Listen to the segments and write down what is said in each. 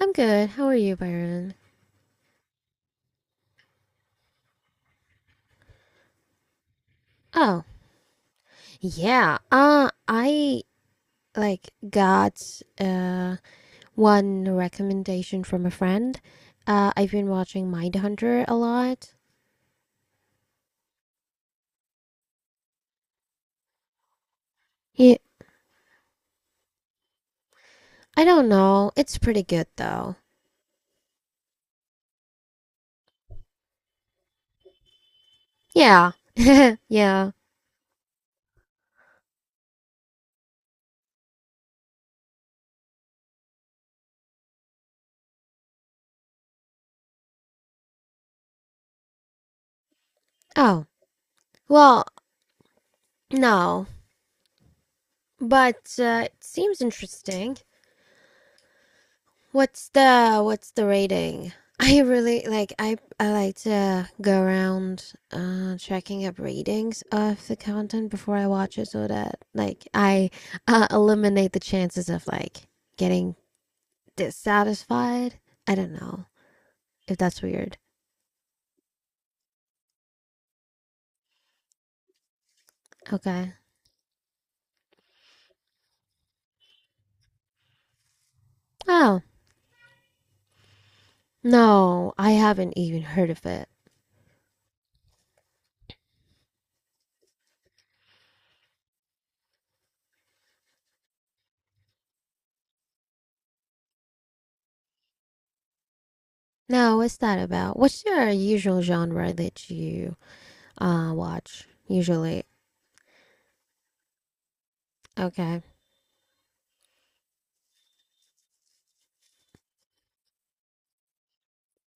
I'm good. How are you, Byron? Oh, yeah. I like got uh one recommendation from a friend. I've been watching Mindhunter a lot. Yeah, I don't know. It's pretty good though. Yeah. Yeah. Oh, well, no. But it seems interesting. What's the rating? I like to go around checking up ratings of the content before I watch it so that like I eliminate the chances of like getting dissatisfied. I don't know if that's weird. Okay. Oh, no, I haven't even heard of it. No, what's that about? What's your usual genre that you watch usually? Okay.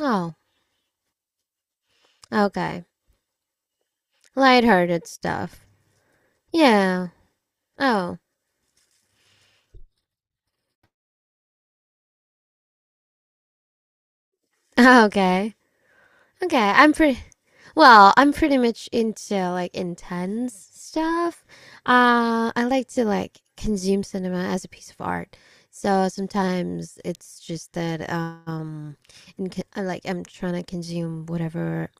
Oh, okay. Lighthearted stuff. Yeah. Oh. Okay. Okay. I'm pretty well, I'm pretty much into like intense stuff. I like to like consume cinema as a piece of art. So sometimes it's just that in, like I'm trying to consume whatever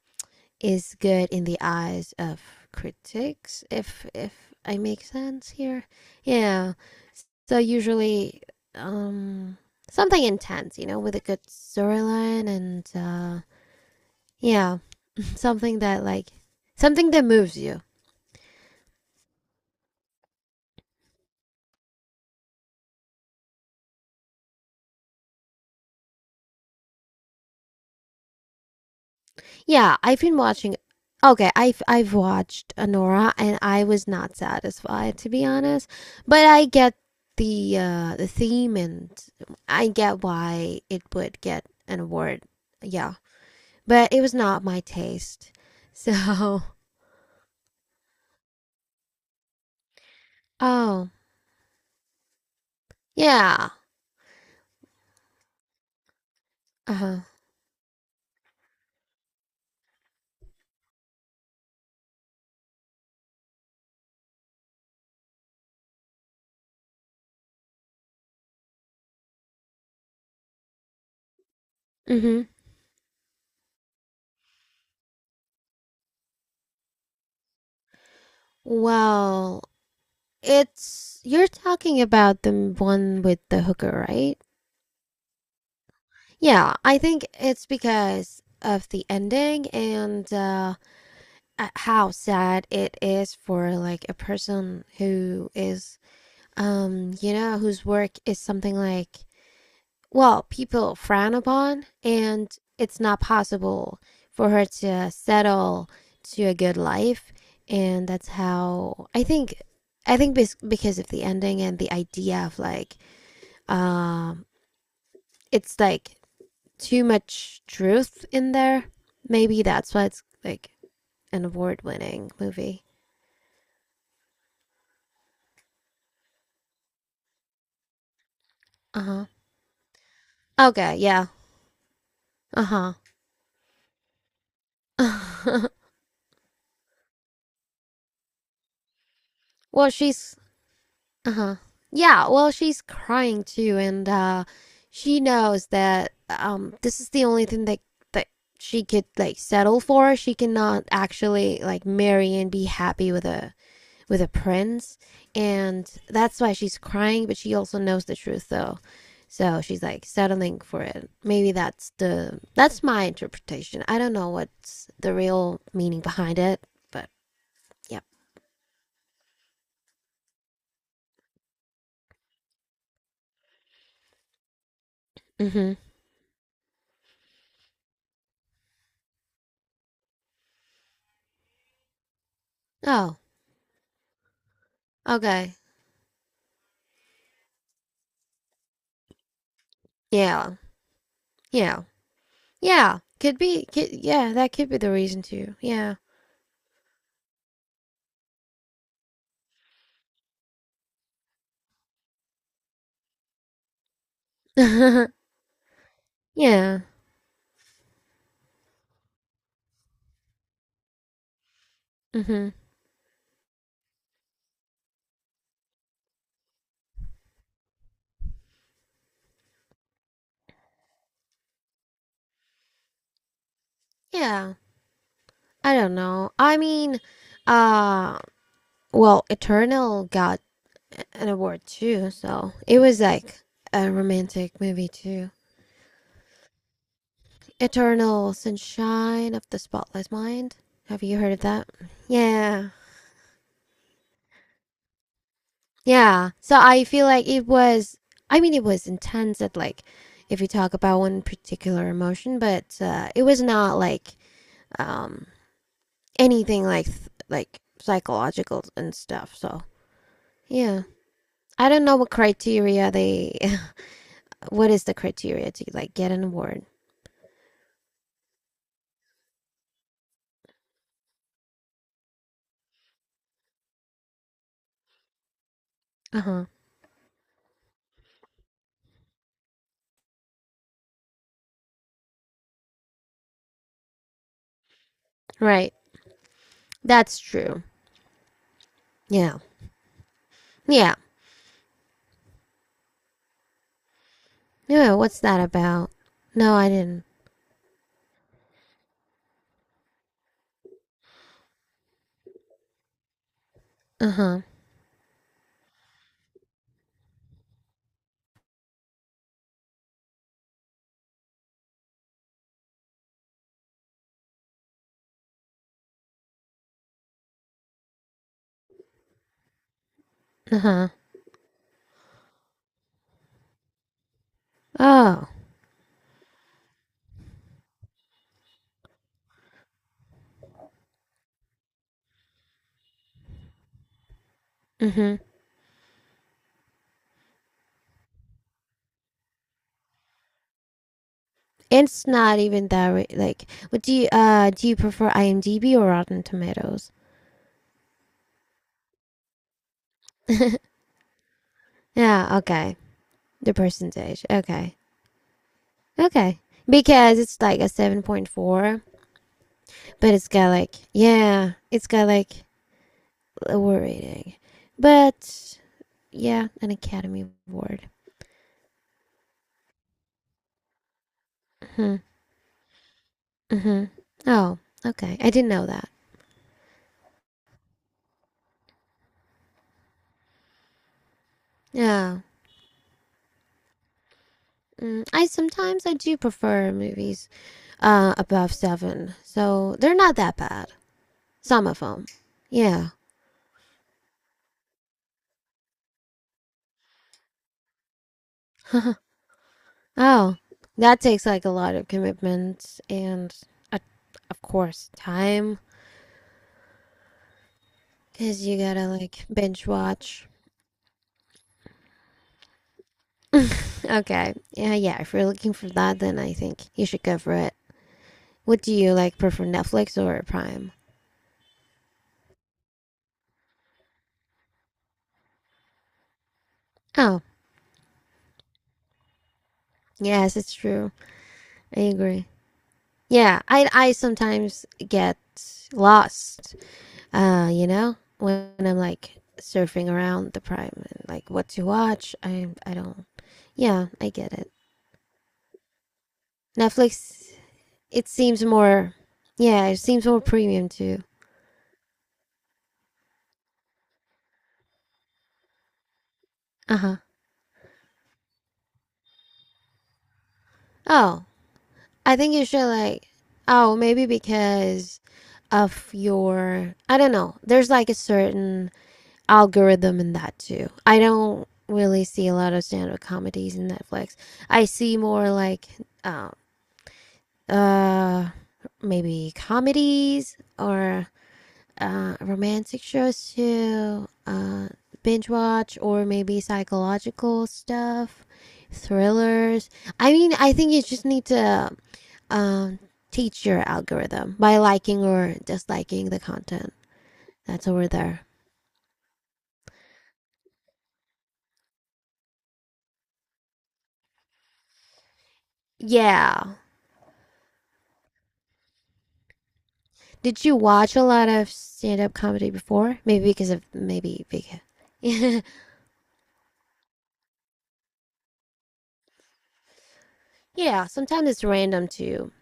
is good in the eyes of critics if I make sense here. Yeah. So usually, um, something intense, with a good storyline and yeah, something that like something that moves you. Yeah, I've been watching. Okay, I've watched Anora, and I was not satisfied to be honest. But I get the theme, and I get why it would get an award. Yeah, but it was not my taste. So, oh yeah. Uh huh. Mm-hmm. Well, it's you're talking about the one with the hooker, right? Yeah, I think it's because of the ending and how sad it is for like a person who is whose work is something like, well, people frown upon, and it's not possible for her to settle to a good life. And that's how I think. I think because of the ending and the idea of like, um, it's like too much truth in there. Maybe that's why it's like an award-winning movie. Uh huh. Okay. Yeah. Uh huh. well, she's Uh-huh. Yeah, well, she's crying too, and she knows that this is the only thing that she could like settle for. She cannot actually like marry and be happy with a prince, and that's why she's crying, but she also knows the truth though. So she's like settling for it. Maybe that's my interpretation. I don't know what's the real meaning behind it, but yeah. Mm-hmm. Oh, okay. Yeah. Yeah. Yeah, could be. Yeah, that could be the reason too. Yeah. Yeah. Hmm. Yeah. I don't know. I mean, uh, well, Eternal got an award too, so it was like a romantic movie too. Eternal Sunshine of the Spotless Mind. Have you heard of that? Yeah. Yeah. So I feel like I mean, it was intense at like, if you talk about one particular emotion, but it was not like um anything like psychological and stuff. So yeah, I don't know what criteria they. What is the criteria to like get an award? Uh huh. Right. That's true. Yeah. Yeah. Yeah. What's that about? No, I didn't. Uh huh. Uh huh. Oh. Mm hmm. It's not even that re- like. What do you prefer IMDb or Rotten Tomatoes? Yeah. Okay. The percentage. Okay. Okay. Because it's like a 7.4. But it's got like, yeah, it's got like lower rating. But yeah, an Academy Award. Hmm. Hmm. Oh, okay. I didn't know that. Yeah. I do prefer movies above seven, so they're not that bad. Some of them, yeah. Oh, that takes like a lot of commitment and, uh, of course, time, cause you gotta like binge watch. Okay. Yeah, yeah. If you're looking for that, then I think you should go for it. What do you like prefer, Netflix or Prime? Oh, yes, it's true. I agree. Yeah, I sometimes get lost. When I'm like surfing around the Prime and like what to watch. I don't. Yeah, I get it. Netflix. It seems more. Yeah, it seems more premium too. Uh huh. Oh, I think you should like, oh, maybe because of your, I don't know. There's like a certain algorithm in that too. I don't really see a lot of stand-up comedies in Netflix. I see more like, um, uh, maybe comedies or romantic shows too. Binge watch or maybe psychological stuff, thrillers. I mean, I think you just need to um, teach your algorithm by liking or disliking the content that's over there. Yeah. Did you watch a lot of stand up comedy before? Maybe because. Yeah, sometimes it's random too.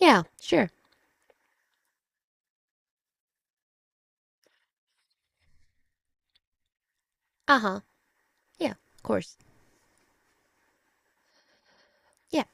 Yeah, sure. Uh huh. Yeah, of course. Yeah.